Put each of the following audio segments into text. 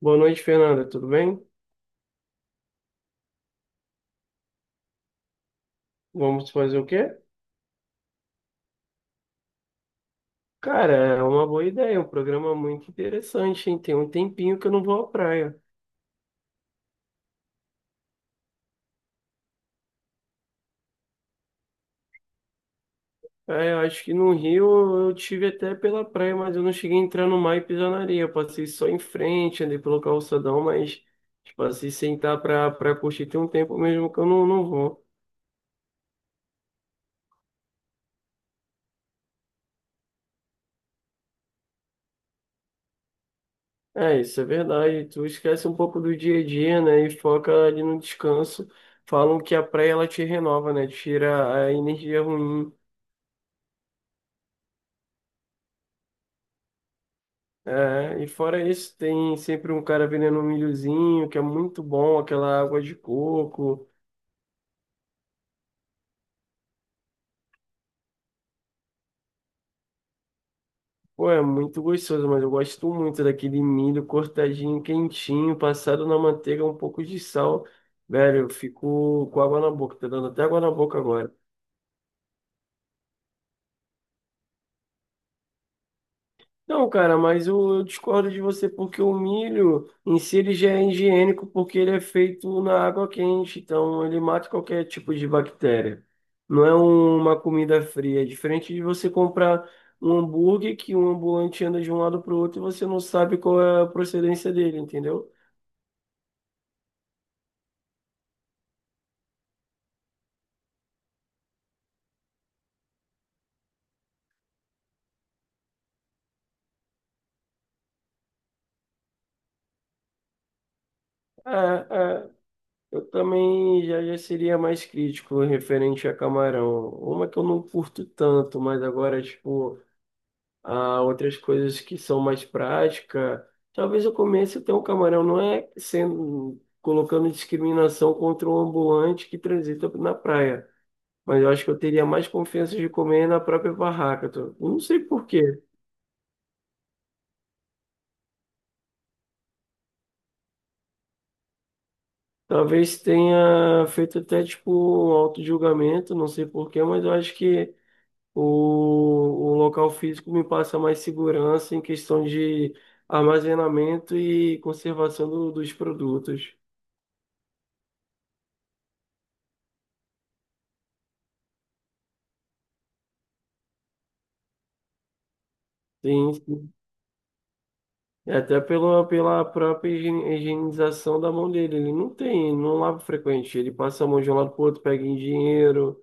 Boa noite, Fernanda. Tudo bem? Vamos fazer o quê? Cara, é uma boa ideia, é um programa muito interessante, hein? Tem um tempinho que eu não vou à praia. É, eu acho que no Rio eu tive até pela praia, mas eu não cheguei a entrar no mar e pisar na areia. Eu passei só em frente, andei pelo calçadão, mas tipo, assim, sentar pra curtir tem um tempo mesmo que eu não vou. É, isso é verdade. Tu esquece um pouco do dia a dia, né? E foca ali no descanso. Falam que a praia ela te renova, né? Tira a energia ruim. É, e fora isso, tem sempre um cara vendendo um milhozinho, que é muito bom, aquela água de coco. Pô, é muito gostoso, mas eu gosto muito daquele milho cortadinho, quentinho, passado na manteiga, um pouco de sal. Velho, eu fico com água na boca, tá dando até água na boca agora. Não, cara, mas eu discordo de você porque o milho em si ele já é higiênico porque ele é feito na água quente, então ele mata qualquer tipo de bactéria. Não é uma comida fria, é diferente de você comprar um hambúrguer que um ambulante anda de um lado para o outro e você não sabe qual é a procedência dele, entendeu? É, eu também já seria mais crítico referente a camarão. Uma que eu não curto tanto, mas agora, tipo, a outras coisas que são mais prática. Talvez eu comece a ter um camarão, não é sendo colocando discriminação contra o ambulante que transita na praia, mas eu acho que eu teria mais confiança de comer na própria barraca. Eu não sei por quê. Talvez tenha feito até tipo um auto-julgamento, não sei por quê, mas eu acho que o local físico me passa mais segurança em questão de armazenamento e conservação dos produtos. Sim, sim. É. Até pela própria higienização da mão dele. Ele não tem, não lava frequente. Ele passa a mão de um lado pro outro, pega em dinheiro.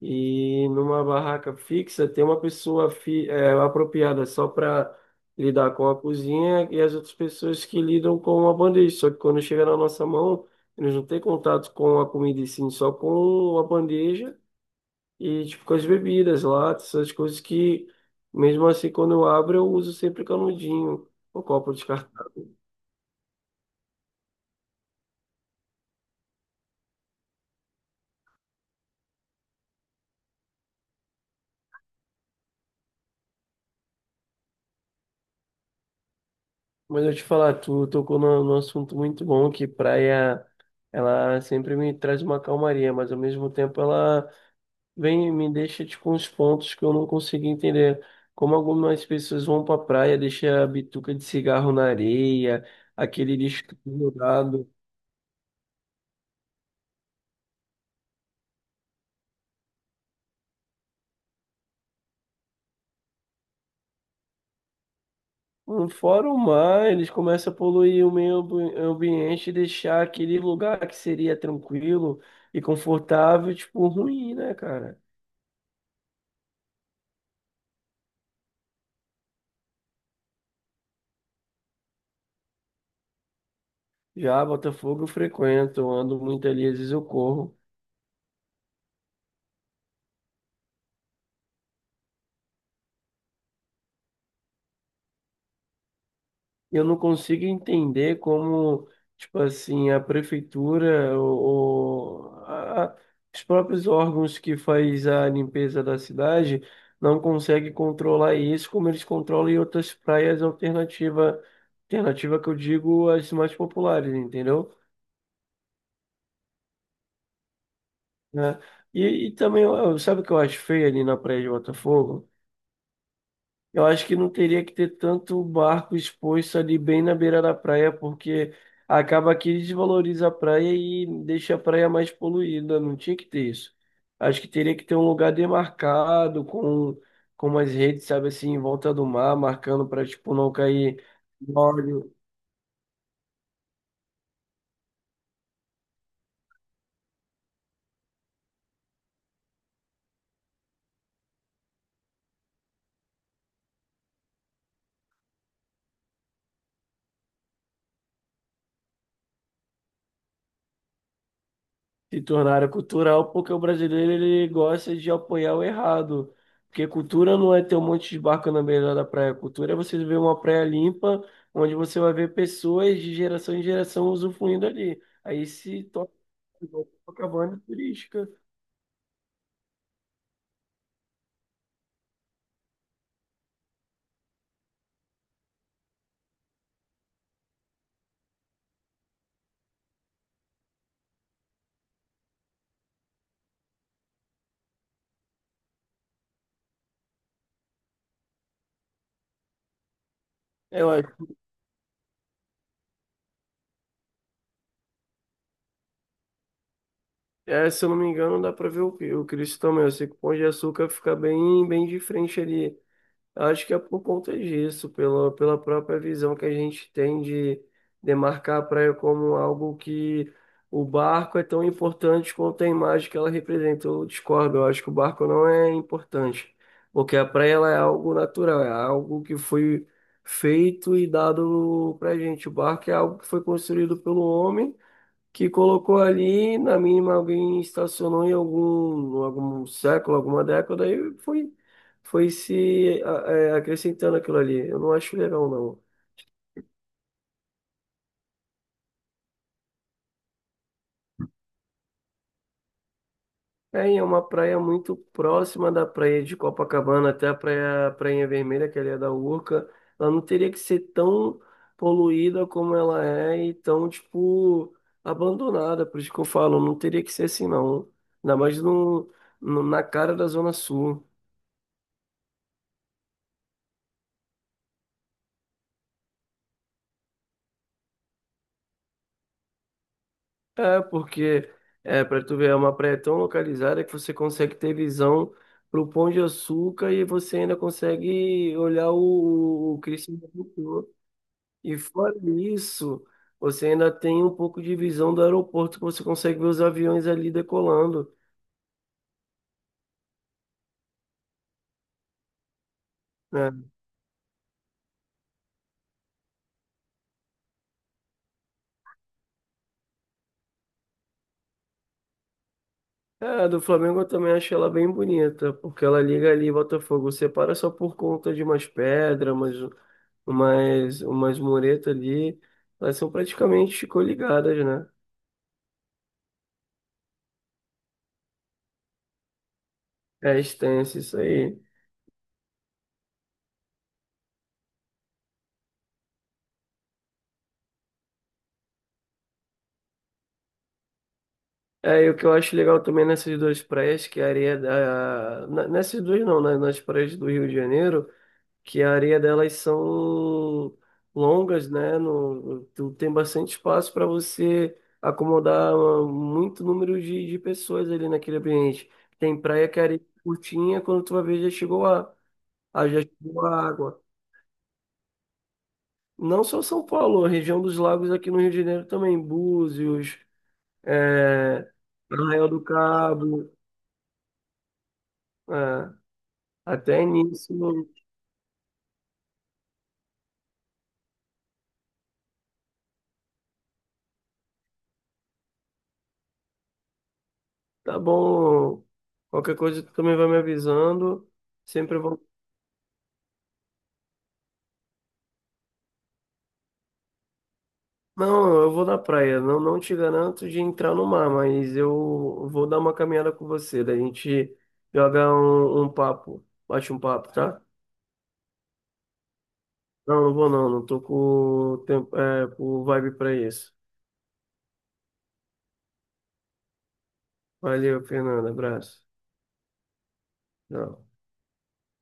E numa barraca fixa, tem uma pessoa apropriada só para lidar com a cozinha e as outras pessoas que lidam com a bandeja. Só que quando chega na nossa mão, eles não têm contato com a comida, e sim só com a bandeja e tipo com as bebidas, latas, essas coisas que, mesmo assim, quando eu abro, eu uso sempre canudinho, o copo de... Mas eu te falar, tu tocou num assunto muito bom, que praia, ela sempre me traz uma calmaria, mas ao mesmo tempo ela vem e me deixa, tipo, uns pontos que eu não consigo entender. Como algumas pessoas vão pra praia, deixa a bituca de cigarro na areia, aquele lixo jogado. Fora o mar, eles começam a poluir o meio ambiente e deixar aquele lugar que seria tranquilo e confortável, tipo, ruim, né, cara? Já Botafogo eu frequento, eu ando muito ali, às vezes eu corro. E eu não consigo entender como, tipo assim, a prefeitura ou os próprios órgãos que faz a limpeza da cidade não conseguem controlar isso como eles controlam em outras praias alternativa, alternativa que eu digo as mais populares, entendeu? Né? E também, sabe o que eu acho feio ali na praia de Botafogo? Eu acho que não teria que ter tanto barco exposto ali bem na beira da praia, porque acaba que desvaloriza a praia e deixa a praia mais poluída. Não tinha que ter isso. Acho que teria que ter um lugar demarcado com umas redes, sabe assim, em volta do mar, marcando para tipo não cair óleo. Se tornaram cultural porque o brasileiro ele gosta de apoiar o errado. Porque cultura não é ter um monte de barco na beira da praia. Cultura é você ver uma praia limpa, onde você vai ver pessoas de geração em geração usufruindo ali. Aí se torna igual Copacabana turística. Eu acho. É, se eu não me engano, dá pra ver o Cristo também. Eu sei que o Pão de Açúcar fica bem, bem de frente ali. Eu acho que é por conta disso, pela própria visão que a gente tem de demarcar a praia como algo que o barco é tão importante quanto a imagem que ela representa. Eu discordo, eu acho que o barco não é importante, porque a praia ela é algo natural, é algo que foi feito e dado pra gente. O barco é algo que foi construído pelo homem que colocou ali, na mínima alguém estacionou em algum século, alguma década, e foi se acrescentando aquilo ali. Eu não acho legal, não. É, e é uma praia muito próxima da praia de Copacabana até a praia, Prainha Vermelha, que ali é da Urca. Ela não teria que ser tão poluída como ela é e tão, tipo, abandonada. Por isso que eu falo, não teria que ser assim, não. Ainda mais na cara da Zona Sul. É, porque é, para tu ver, é uma praia tão localizada que você consegue ter visão pro Pão de Açúcar e você ainda consegue olhar o crescimento do Cristo Redentor. E fora isso, você ainda tem um pouco de visão do aeroporto que você consegue ver os aviões ali decolando, né? É, a do Flamengo eu também achei ela bem bonita, porque ela liga ali Botafogo, separa só por conta de umas pedras, umas muretas ali, elas são praticamente coligadas, né? É extenso isso aí. É, e o que eu acho legal também nessas duas praias, que a areia nessas duas não, né? Nas praias do Rio de Janeiro, que a areia delas são longas, né? No... tu Tem bastante espaço para você acomodar, ah, muito número de pessoas ali naquele ambiente. Tem praia que a areia é curtinha, quando tu vai ver já chegou já chegou a água. Não só São Paulo, a região dos lagos aqui no Rio de Janeiro também, Búzios, é, Arraial do Cabo, é, até nisso... Tá bom. Qualquer coisa tu também vai me avisando. Sempre vou. Não, eu vou na praia. Não, não te garanto de entrar no mar, mas eu vou dar uma caminhada com você. Daí a gente joga um papo, bate um papo, tá? Não, não vou não. Não tô com tempo, é, com vibe pra isso. Valeu, Fernanda. Abraço. Tchau.